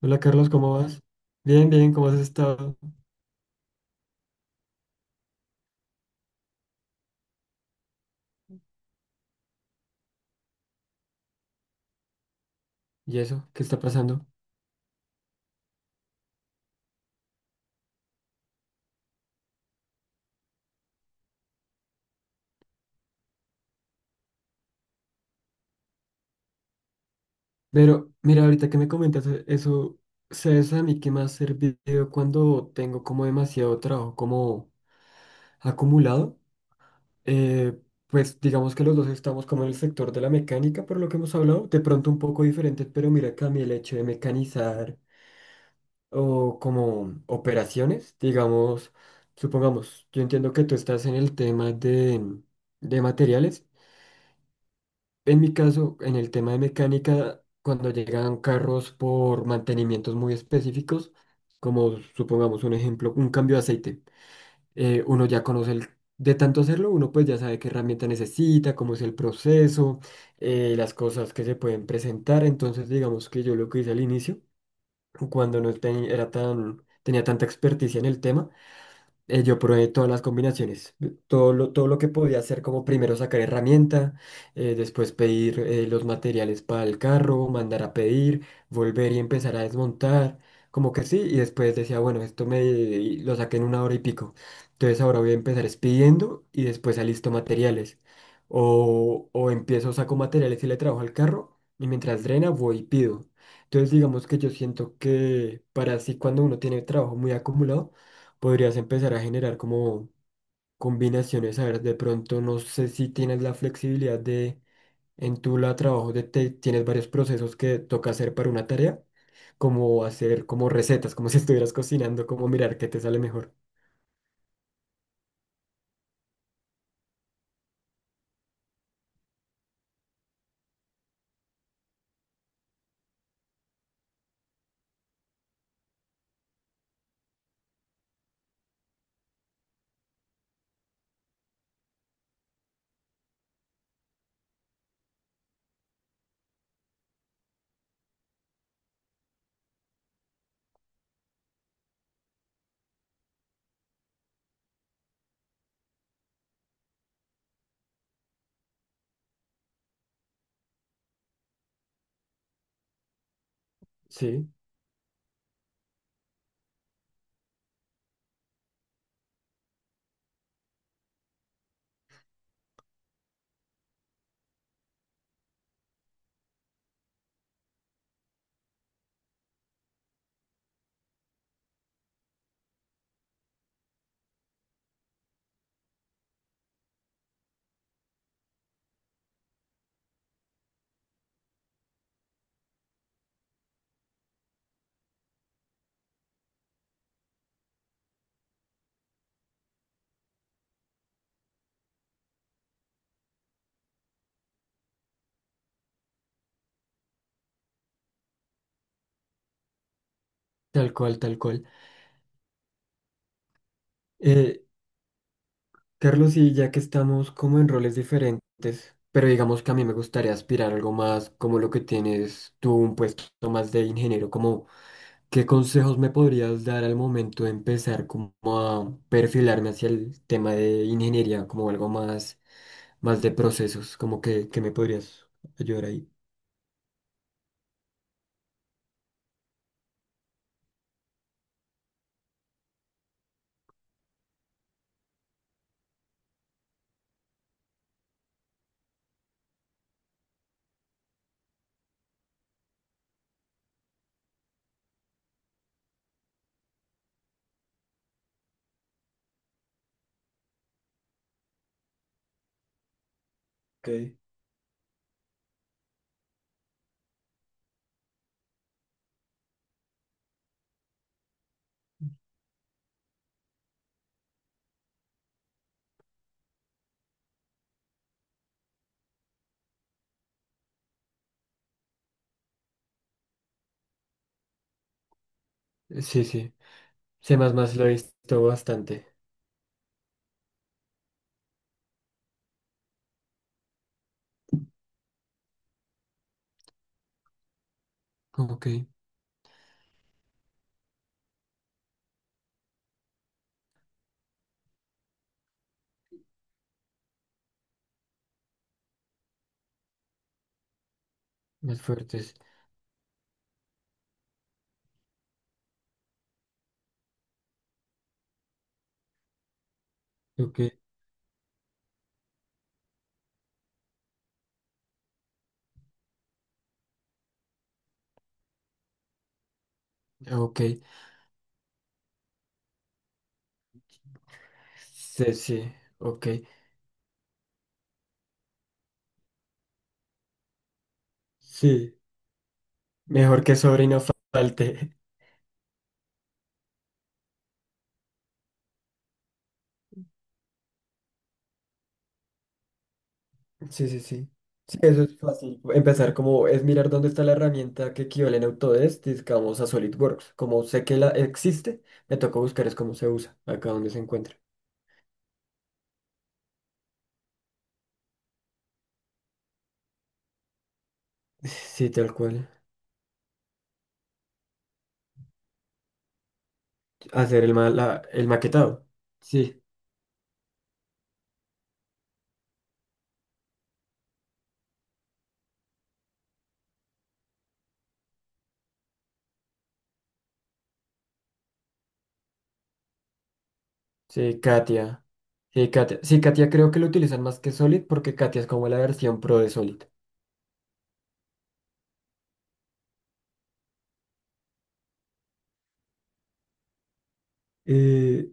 Hola Carlos, ¿cómo vas? Bien, bien, ¿cómo has estado? ¿Y eso? ¿Qué está pasando? Pero mira, ahorita que me comentas eso, ¿sabes a mí qué me ha servido cuando tengo como demasiado trabajo como acumulado? Eh, pues digamos que los dos estamos como en el sector de la mecánica, por lo que hemos hablado, de pronto un poco diferentes, pero mira que a mí el hecho de mecanizar o como operaciones, digamos, supongamos, yo entiendo que tú estás en el tema de materiales. En mi caso, en el tema de mecánica, cuando llegan carros por mantenimientos muy específicos, como supongamos un ejemplo, un cambio de aceite, uno ya conoce el, de tanto hacerlo, uno pues ya sabe qué herramienta necesita, cómo es el proceso, las cosas que se pueden presentar. Entonces, digamos que yo lo que hice al inicio, cuando no ten- era tan, tenía tanta experticia en el tema, yo probé todas las combinaciones, todo lo que podía hacer, como primero sacar herramienta, después pedir los materiales para el carro, mandar a pedir, volver y empezar a desmontar, como que sí, y después decía, bueno, esto me y lo saqué en una hora y pico, entonces ahora voy a empezar es pidiendo y después alisto materiales, o empiezo, saco materiales y le trabajo al carro, y mientras drena voy y pido. Entonces digamos que yo siento que para así cuando uno tiene trabajo muy acumulado, podrías empezar a generar como combinaciones. A ver, de pronto no sé si tienes la flexibilidad de en tu la trabajo de tienes varios procesos que toca hacer para una tarea, como hacer como recetas, como si estuvieras cocinando, como mirar qué te sale mejor. Sí, tal cual, tal cual. Eh, Carlos, y ya que estamos como en roles diferentes, pero digamos que a mí me gustaría aspirar a algo más como lo que tienes tú, un puesto más de ingeniero, como, ¿qué consejos me podrías dar al momento de empezar como a perfilarme hacia el tema de ingeniería, como algo más, más de procesos? Como que me podrías ayudar ahí. Ok. Sí, sí. C++ lo he visto bastante. Ok, más fuertes. Ok, ok. Sí, sí, ok. Sí, mejor que sobre y no falte. Sí, sí, sí. Sí, eso es fácil. Empezar como es mirar dónde está la herramienta que equivale en Autodesk, digamos a SolidWorks. Como sé que la existe, me toca buscar es cómo se usa, acá donde se encuentra. Sí, tal cual. Hacer el, el maquetado. Sí, sí, Katia. Sí, Katia. Sí, Katia creo que lo utilizan más que Solid porque Katia es como la versión pro de Solid. Eh,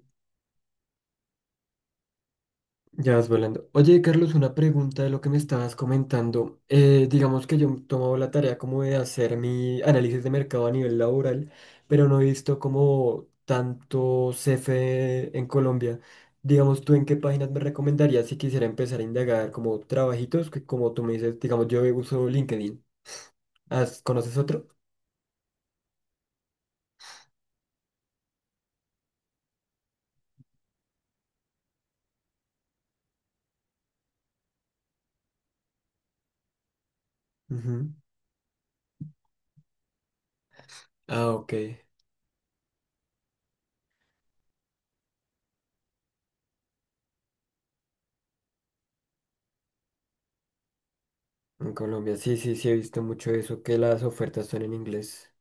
Ya vas volando. Oye, Carlos, una pregunta de lo que me estabas comentando. Digamos que yo he tomado la tarea como de hacer mi análisis de mercado a nivel laboral, pero no he visto como tanto CFE en Colombia. Digamos, ¿tú en qué páginas me recomendarías si quisiera empezar a indagar como trabajitos? Que como tú me dices, digamos, yo uso LinkedIn. ¿Conoces otro? Ujú. Ah, ok. En Colombia, sí, sí, sí, he visto mucho eso, que las ofertas son en inglés.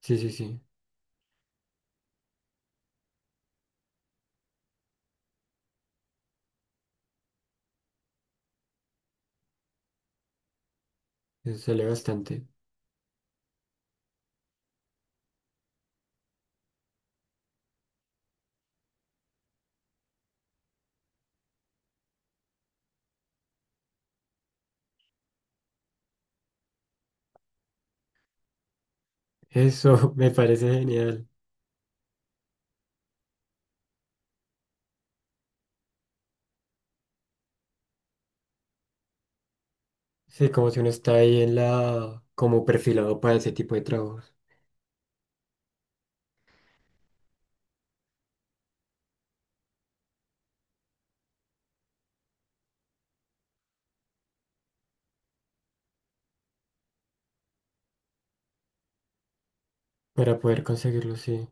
Sí, sí, sí. Eso sale bastante. Eso me parece genial. Sí, como si uno está ahí en la, como perfilado para ese tipo de trabajos, para poder conseguirlo, sí.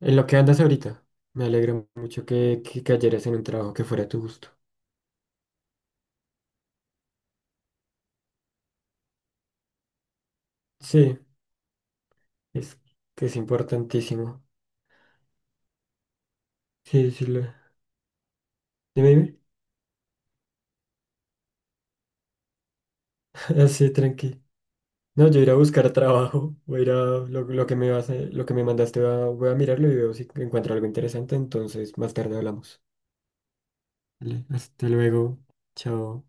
En lo que andas ahorita, me alegra mucho que cayeras en un trabajo que fuera a tu gusto. Sí, es que es importantísimo. Sí, sí, lo... Dime, dime. Así, tranqui. No, yo iré a buscar trabajo, voy a ir a lo que lo que me mandaste, va voy a mirarlo y veo si encuentro algo interesante, entonces más tarde hablamos. Vale, hasta luego. Chao.